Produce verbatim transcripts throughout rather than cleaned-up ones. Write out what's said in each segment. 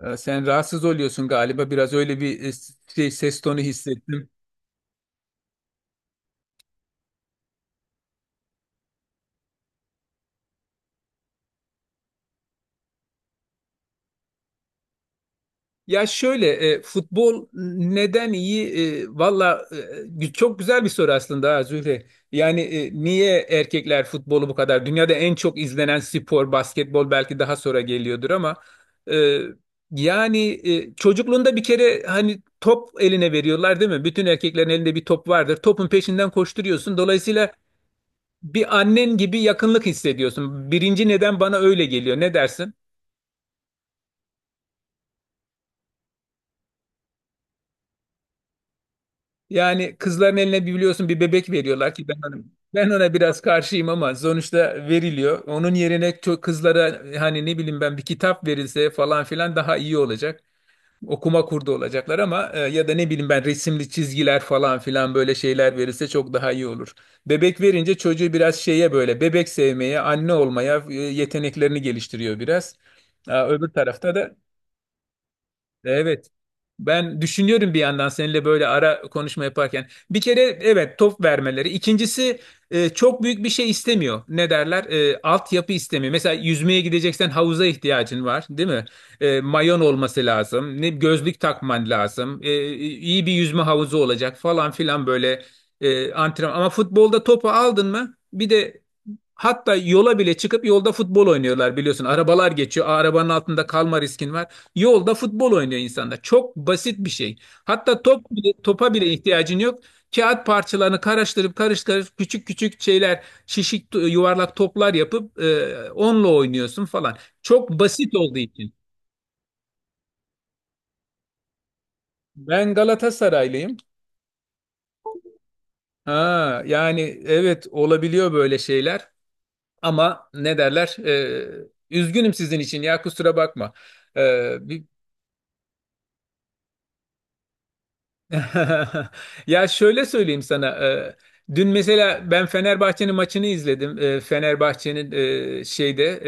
Ee, Sen rahatsız oluyorsun galiba. Biraz öyle bir e, şey, ses tonu hissettim. Ya şöyle, e, futbol neden iyi? E, valla, e, çok güzel bir soru aslında, ha, Zühre. Yani, e, niye erkekler futbolu bu kadar? Dünyada en çok izlenen spor basketbol belki daha sonra geliyordur ama e, yani, e, çocukluğunda bir kere hani top eline veriyorlar, değil mi? Bütün erkeklerin elinde bir top vardır. Topun peşinden koşturuyorsun. Dolayısıyla bir annen gibi yakınlık hissediyorsun. Birinci neden bana öyle geliyor. Ne dersin? Yani kızların eline bir biliyorsun bir bebek veriyorlar ki ben ona, ben ona biraz karşıyım ama sonuçta veriliyor. Onun yerine çok kızlara hani ne bileyim ben bir kitap verilse falan filan daha iyi olacak. Okuma kurdu olacaklar ama e, ya da ne bileyim ben resimli çizgiler falan filan böyle şeyler verilse çok daha iyi olur. Bebek verince çocuğu biraz şeye böyle bebek sevmeye, anne olmaya, e, yeteneklerini geliştiriyor biraz. Aa, öbür tarafta da evet. Ben düşünüyorum bir yandan seninle böyle ara konuşma yaparken. Bir kere evet, top vermeleri. İkincisi, e, çok büyük bir şey istemiyor. Ne derler? E, altyapı istemiyor. Mesela yüzmeye gideceksen havuza ihtiyacın var, değil mi? E, mayon olması lazım. Ne gözlük takman lazım. E, iyi bir yüzme havuzu olacak falan filan böyle e, antrenman. Ama futbolda topu aldın mı? Bir de. Hatta yola bile çıkıp yolda futbol oynuyorlar biliyorsun. Arabalar geçiyor. Arabanın altında kalma riskin var. Yolda futbol oynuyor insanlar. Çok basit bir şey. Hatta top bile, topa bile ihtiyacın yok. Kağıt parçalarını karıştırıp karıştırıp küçük küçük şeyler, şişik yuvarlak toplar yapıp, e, onunla oynuyorsun falan. Çok basit olduğu için. Ben Galatasaraylıyım. Ha, yani, evet, olabiliyor böyle şeyler. Ama ne derler? E, üzgünüm sizin için, ya kusura bakma. Ee, Ya şöyle söyleyeyim sana. e, Dün mesela ben Fenerbahçe'nin maçını izledim. E, Fenerbahçe'nin e, şeyde,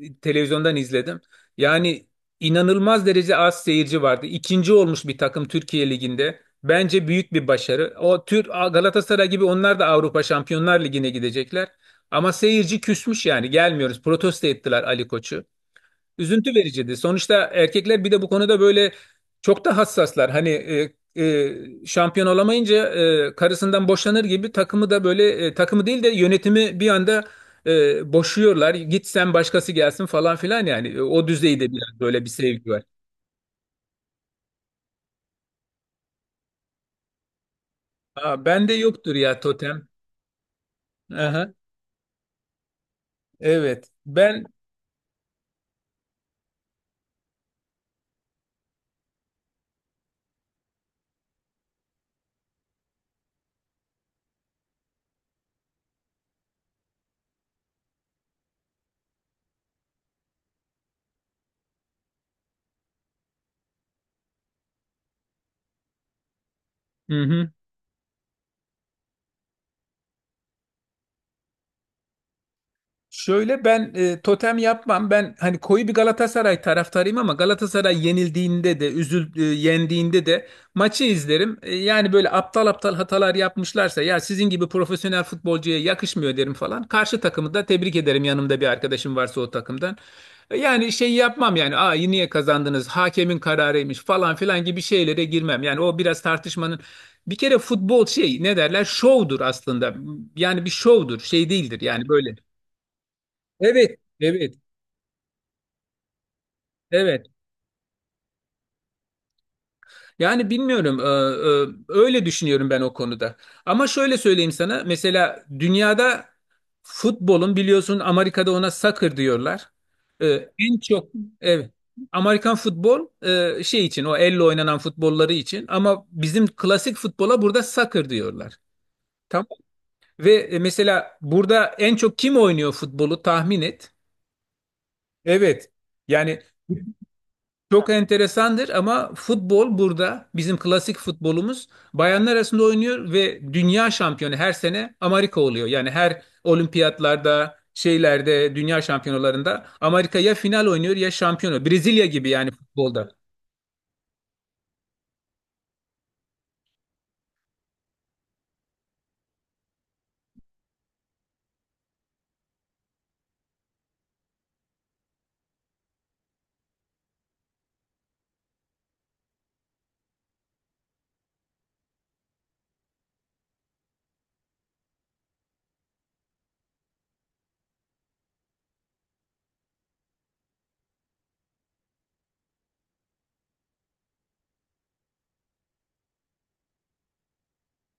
e, televizyondan izledim. Yani inanılmaz derece az seyirci vardı. İkinci olmuş bir takım Türkiye Ligi'nde. Bence büyük bir başarı. O tür Galatasaray gibi onlar da Avrupa Şampiyonlar Ligi'ne gidecekler. Ama seyirci küsmüş yani, gelmiyoruz. Protesto ettiler Ali Koç'u. Üzüntü vericiydi. Sonuçta erkekler bir de bu konuda böyle çok da hassaslar. Hani, e, e, şampiyon olamayınca, e, karısından boşanır gibi takımı da böyle, e, takımı değil de yönetimi bir anda, e, boşuyorlar. Git sen, başkası gelsin falan filan yani. E, O düzeyde biraz böyle bir sevgi var. Aa, ben de yoktur ya totem. Aha, evet. Ben. Hı hı. Şöyle ben e, totem yapmam. Ben hani koyu bir Galatasaray taraftarıyım ama Galatasaray yenildiğinde de, üzül e, yendiğinde de maçı izlerim. E, yani böyle aptal aptal hatalar yapmışlarsa, ya sizin gibi profesyonel futbolcuya yakışmıyor derim falan. Karşı takımı da tebrik ederim, yanımda bir arkadaşım varsa o takımdan. E, yani şey yapmam yani. Aa, niye kazandınız? Hakemin kararıymış falan filan gibi şeylere girmem. Yani o biraz tartışmanın, bir kere futbol şey ne derler? Şovdur aslında. Yani bir şovdur, şey değildir. Yani böyle. Evet, evet, evet. Yani bilmiyorum, e, e, öyle düşünüyorum ben o konuda. Ama şöyle söyleyeyim sana, mesela dünyada futbolun, biliyorsun, Amerika'da ona soccer diyorlar. E, En çok, evet, Amerikan futbol e, şey için, o elle oynanan futbolları için. Ama bizim klasik futbola burada soccer diyorlar. Tamam. Ve, e, mesela burada en çok kim oynuyor futbolu, tahmin et. Evet. Yani, çok enteresandır ama futbol burada bizim klasik futbolumuz bayanlar arasında oynuyor ve dünya şampiyonu her sene Amerika oluyor. Yani her olimpiyatlarda, şeylerde, dünya şampiyonalarında Amerika ya final oynuyor ya şampiyonu. Brezilya gibi yani futbolda.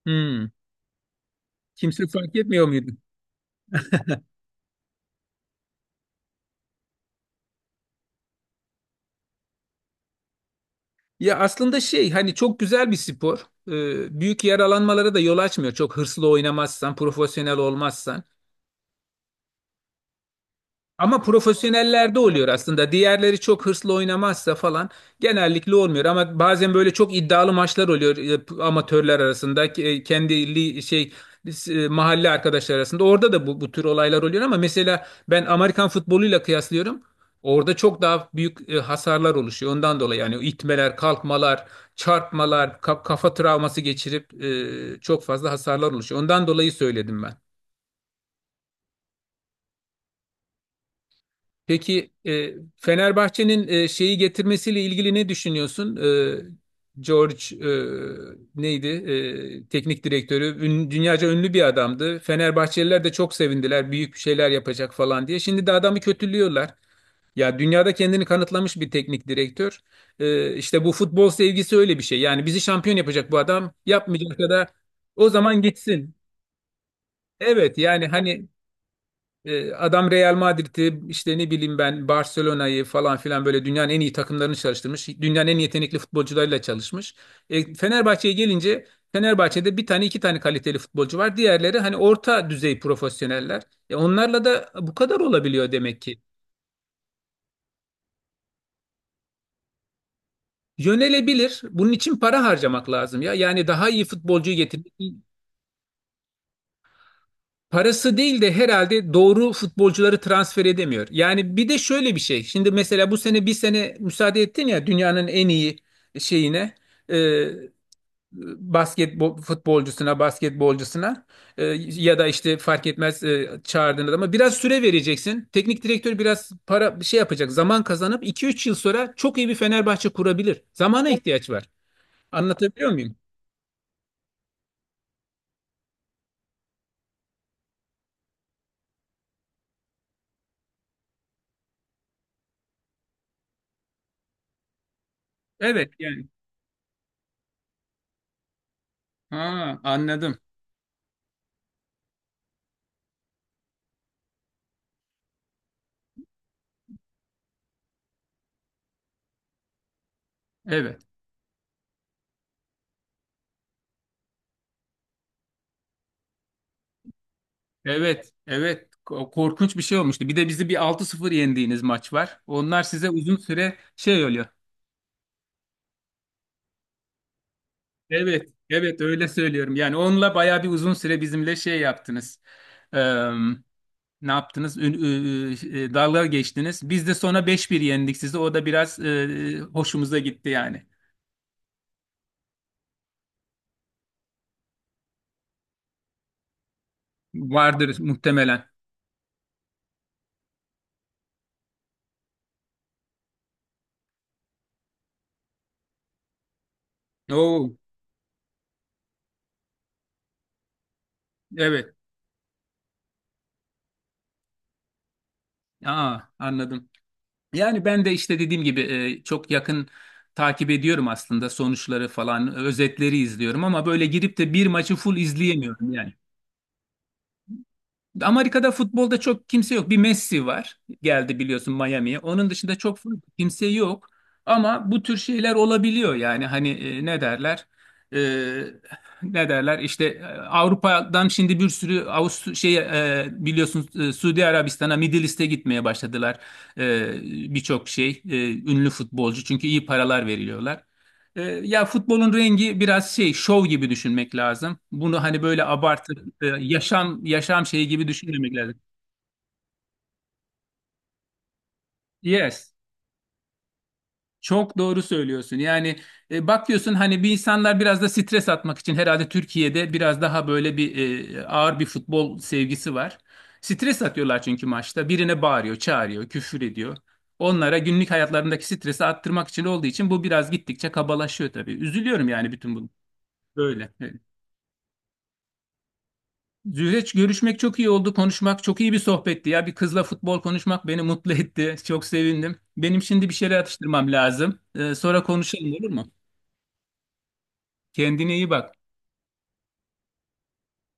Hmm, Kimse fark etmiyor muydu? Ya aslında şey, hani çok güzel bir spor. Ee, büyük yaralanmalara da yol açmıyor. Çok hırslı oynamazsan, profesyonel olmazsan. Ama profesyonellerde oluyor aslında. Diğerleri çok hırslı oynamazsa falan genellikle olmuyor. Ama bazen böyle çok iddialı maçlar oluyor, e, amatörler arasında, ke- e, kendi li- şey e, mahalle arkadaşlar arasında. Orada da bu, bu tür olaylar oluyor ama mesela ben Amerikan futboluyla kıyaslıyorum. Orada çok daha büyük e, hasarlar oluşuyor. Ondan dolayı yani itmeler, kalkmalar, çarpmalar, ka- kafa travması geçirip, e, çok fazla hasarlar oluşuyor. Ondan dolayı söyledim ben. Peki, e, Fenerbahçe'nin e, şeyi getirmesiyle ilgili ne düşünüyorsun? E, George, e, neydi? E, teknik direktörü. Ün- dünyaca ünlü bir adamdı. Fenerbahçeliler de çok sevindiler. Büyük bir şeyler yapacak falan diye. Şimdi de adamı kötülüyorlar. Ya dünyada kendini kanıtlamış bir teknik direktör. E, işte bu futbol sevgisi öyle bir şey. Yani bizi şampiyon yapacak bu adam. Yapmayacak da o zaman gitsin. Evet yani hani, e, Adam Real Madrid'i, işte ne bileyim ben Barcelona'yı falan filan böyle dünyanın en iyi takımlarını çalıştırmış. Dünyanın en yetenekli futbolcularıyla çalışmış. E, Fenerbahçe'ye gelince, Fenerbahçe'de bir tane iki tane kaliteli futbolcu var. Diğerleri hani orta düzey profesyoneller. E, onlarla da bu kadar olabiliyor demek ki. Yönelebilir. Bunun için para harcamak lazım ya. Yani daha iyi futbolcuyu getirmek. Parası değil de, herhalde doğru futbolcuları transfer edemiyor. Yani bir de şöyle bir şey. Şimdi mesela bu sene bir sene müsaade ettin ya dünyanın en iyi şeyine, e, basketbol futbolcusuna, basketbolcusuna, e, ya da işte fark etmez, e, çağırdığın adama biraz süre vereceksin. Teknik direktör biraz para şey yapacak. Zaman kazanıp iki üç yıl sonra çok iyi bir Fenerbahçe kurabilir. Zamana ihtiyaç var. Anlatabiliyor muyum? Evet yani. Ha, anladım. Evet. Evet, evet. Ko- Korkunç bir şey olmuştu. Bir de bizi bir altı sıfır yendiğiniz maç var. Onlar size uzun süre şey oluyor. Evet, evet, öyle söylüyorum. Yani onunla bayağı bir uzun süre bizimle şey yaptınız. Eee, Ne yaptınız? Ün- ü- ü- e, Dalga geçtiniz. Biz de sonra beş bir yendik sizi. O da biraz e, hoşumuza gitti yani. Vardır muhtemelen. Oo, evet. Aa, anladım. Yani ben de işte dediğim gibi, e, çok yakın takip ediyorum aslında, sonuçları falan, özetleri izliyorum ama böyle girip de bir maçı full izleyemiyorum yani. Amerika'da futbolda çok kimse yok. Bir Messi var. Geldi biliyorsun Miami'ye. Onun dışında çok kimse yok. Ama bu tür şeyler olabiliyor yani. Hani, e, ne derler? E, Ne derler? İşte, e, Avrupa'dan şimdi bir sürü Avust şey e, biliyorsun, e, Suudi Arabistan'a, Middle East'e gitmeye başladılar. E, Birçok şey, e, ünlü futbolcu, çünkü iyi paralar veriliyorlar. E, ya futbolun rengi biraz şey, şov gibi düşünmek lazım. Bunu hani böyle abartı, e, yaşam yaşam şeyi gibi düşünmemek lazım. Yes. Çok doğru söylüyorsun. Yani, e, bakıyorsun hani, bir insanlar biraz da stres atmak için herhalde Türkiye'de biraz daha böyle bir e, ağır bir futbol sevgisi var. Stres atıyorlar çünkü maçta. Birine bağırıyor, çağırıyor, küfür ediyor. Onlara günlük hayatlarındaki stresi attırmak için olduğu için bu biraz gittikçe kabalaşıyor tabii. Üzülüyorum yani bütün bunu. Böyle. Evet. Zühreç, görüşmek çok iyi oldu. Konuşmak çok iyi bir sohbetti ya. Bir kızla futbol konuşmak beni mutlu etti. Çok sevindim. Benim şimdi bir şeyler atıştırmam lazım. Ee, sonra konuşalım, olur mu? Kendine iyi bak.